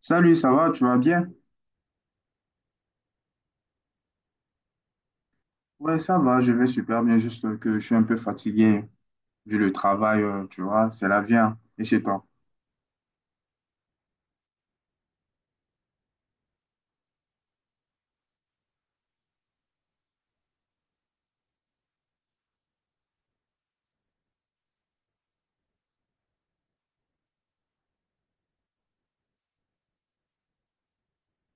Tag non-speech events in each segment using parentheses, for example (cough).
Salut, ça va, tu vas bien? Ouais, ça va, je vais super bien, juste que je suis un peu fatigué vu le travail, tu vois, c'est la vie, hein, et chez toi.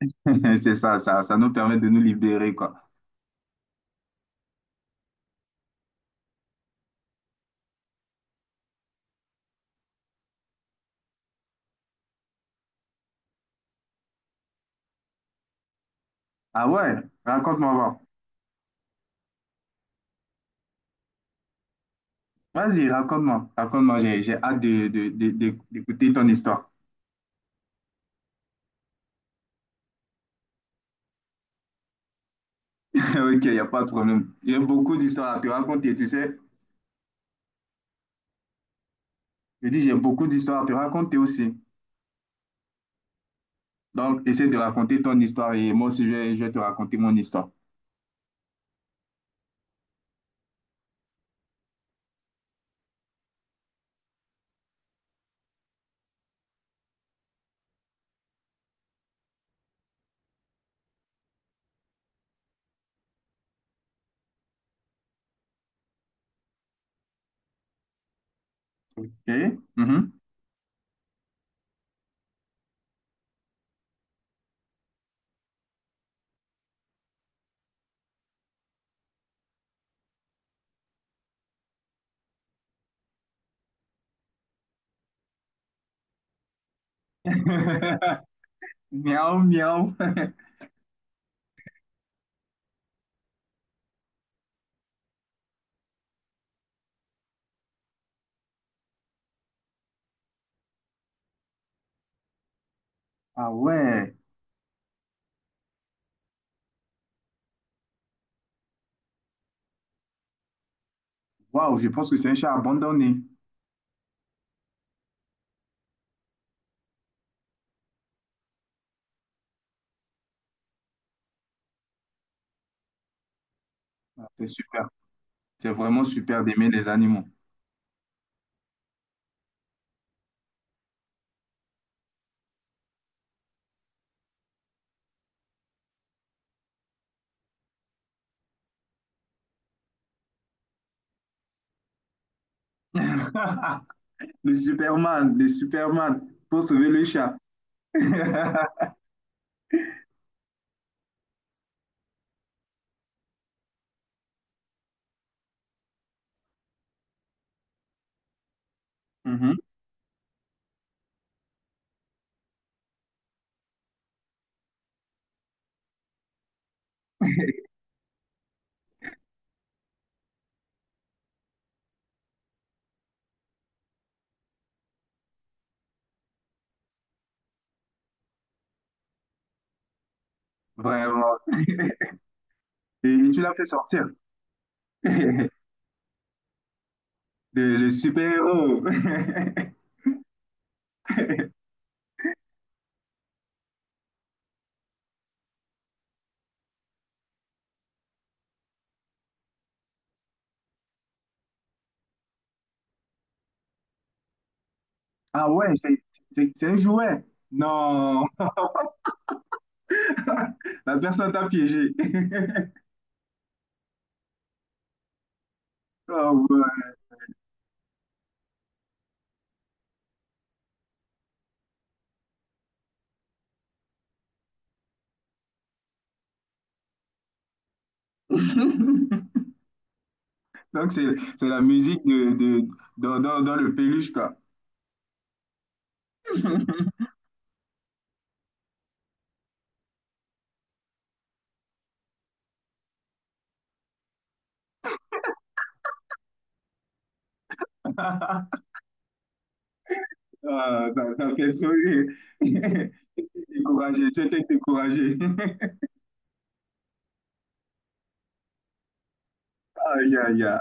(laughs) C'est ça, ça nous permet de nous libérer, quoi. Ah ouais, raconte-moi, va. Vas-y, raconte-moi, raconte-moi, j'ai hâte d'écouter ton histoire. (laughs) Ok, il n'y a pas de problème. J'ai beaucoup d'histoires à te raconter, tu sais. Je dis, j'ai beaucoup d'histoires à te raconter aussi. Donc, essaie de raconter ton histoire et moi aussi, je vais te raconter mon histoire. Ok? Mhm. (laughs) Miaou, miaou. Ah ouais, waouh, je pense que c'est un chat abandonné. Ah, c'est super. C'est vraiment super d'aimer les animaux. (laughs) Le Superman, pour sauver le chat. (laughs) Mhm, vraiment. Et tu l'as fait sortir. (laughs) Le super-héros. (laughs) Ah ouais, c'est un jouet. Non, (laughs) la personne t'a piégé. (laughs) Oh ouais. (laughs) Donc c'est la musique dans le peluche, quoi. (laughs) Ah, ça fait sourire. (laughs) Découragé, tu étais découragé. (laughs) Aïe, aïe, aïe.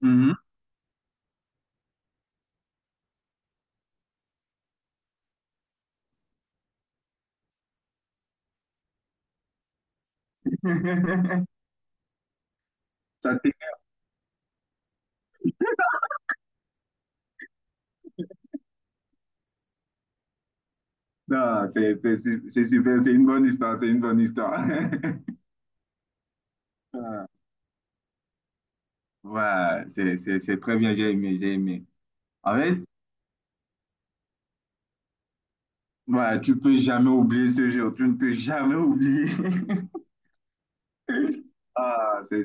Mhm. (laughs) Ça t'énerve. Non, c'est super, c'est une bonne histoire, c'est une bonne histoire. (laughs) Ah, ouais, c'est très bien, j'ai aimé, j'ai aimé. En fait, ouais, tu peux jamais oublier ce jour, tu ne peux jamais oublier. (laughs) Ah, c'est...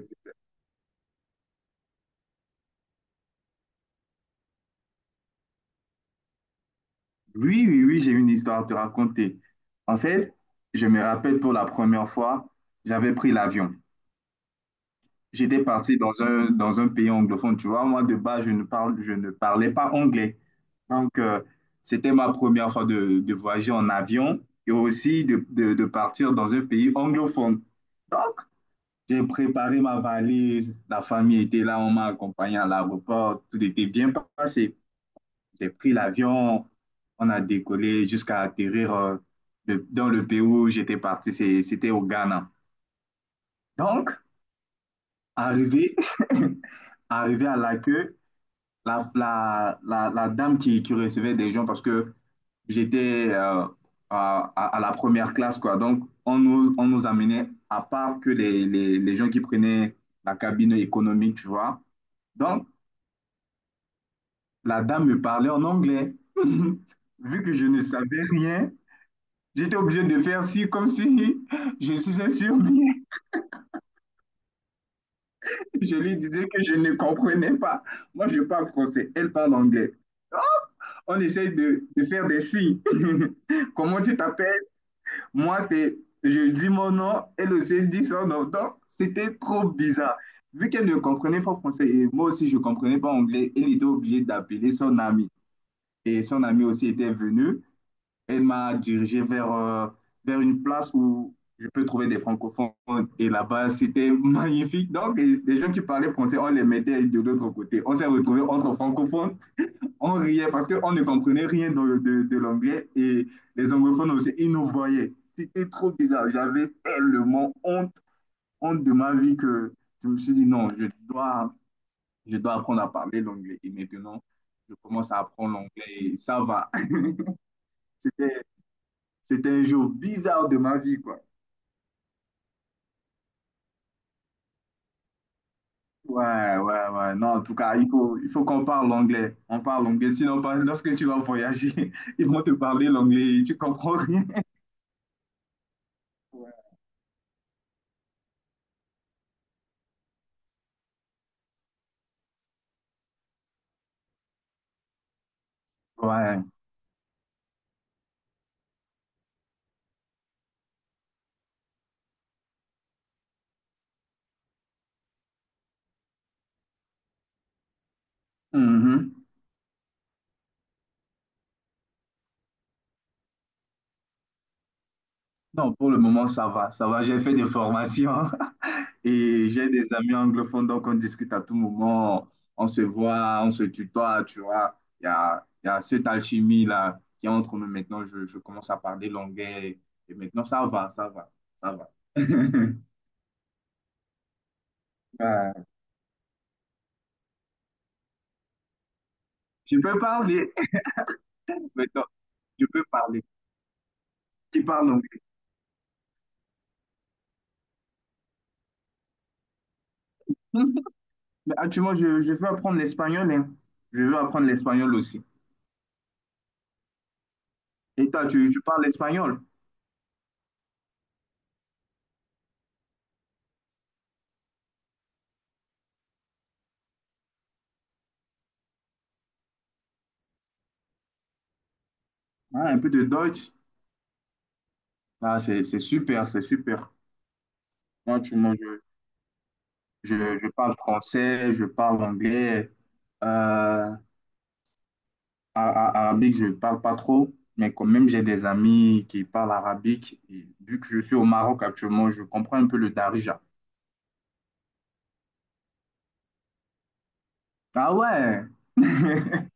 Oui, oui, oui, j'ai une histoire à te raconter. En fait, je me rappelle pour la première fois, j'avais pris l'avion. J'étais parti dans un pays anglophone, tu vois. Moi, de base, je ne parlais pas anglais. Donc, c'était ma première fois de voyager en avion et aussi de partir dans un pays anglophone. Donc, j'ai préparé ma valise, la famille était là, on m'a accompagné à l'aéroport, tout était bien passé. J'ai pris l'avion, on a décollé jusqu'à atterrir dans le pays où j'étais parti, c'était au Ghana. Donc, arrivé, (laughs) arrivé à l'accueil, la dame qui recevait des gens parce que j'étais à la première classe, quoi. Donc, on nous amenait, à part que les gens qui prenaient la cabine économique, tu vois. Donc, la dame me parlait en anglais. (laughs) Vu que je ne savais rien, j'étais obligé de faire si, comme si je suis un surmis. (laughs) Je lui disais que je ne comprenais pas. Moi, je parle français, elle parle anglais. On essaye de faire des signes. (laughs) Comment tu t'appelles? Moi, c'est, je dis mon nom, elle aussi dit son nom. Donc, c'était trop bizarre. Vu qu'elle ne comprenait pas français et moi aussi, je ne comprenais pas anglais, elle était obligée d'appeler son ami. Et son ami aussi était venu. Elle m'a dirigé vers une place où je peux trouver des francophones. Et là-bas, c'était (laughs) magnifique. Donc, les gens qui parlaient français, on les mettait de l'autre côté. On s'est retrouvés entre francophones, on riait parce qu'on ne comprenait rien de l'anglais et les anglophones aussi, ils nous voyaient. C'était trop bizarre. J'avais tellement honte, honte de ma vie que je me suis dit non, je dois apprendre à parler l'anglais. Et maintenant, je commence à apprendre l'anglais et ça va. (laughs) C'était, C'était un jour bizarre de ma vie, quoi. Ouais, ouais, ouais. Non, en tout cas, il faut qu'on parle l'anglais. On parle l'anglais. Sinon, lorsque tu vas voyager, (laughs) ils vont te parler l'anglais et tu comprends rien. (laughs) Ouais. Mhm. Non, pour le moment, ça va, ça va. J'ai fait des formations (laughs) et j'ai des amis anglophones, donc on discute à tout moment, on se voit, on se tutoie, tu vois. Il y a cette alchimie-là qui est entre nous maintenant. Je commence à parler l'anglais et maintenant, ça va, ça va, ça va. (laughs) Ouais. Tu peux parler (laughs) maintenant, tu peux parler. Tu parles anglais. (laughs) Mais actuellement, je veux apprendre l'espagnol, hein. Je veux apprendre l'espagnol aussi. Et toi, tu parles l'espagnol, hein, un peu de Deutsch. Ah, c'est super, c'est super. Moi, je parle français, je parle anglais. Euh, a- Arabique, je parle pas trop, mais quand même, j'ai des amis qui parlent arabique. Et vu que je suis au Maroc actuellement, je comprends un peu le darija. Ah ouais! (laughs)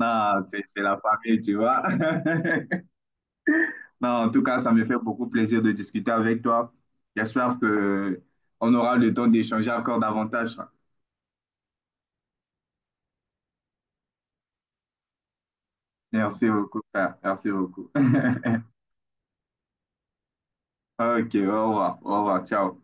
Non, c'est la famille, tu vois. (laughs) Non, en tout cas, ça me fait beaucoup plaisir de discuter avec toi. J'espère que on aura le temps d'échanger encore davantage. Merci beaucoup, frère. Merci beaucoup. (laughs) Ok, au revoir, ciao.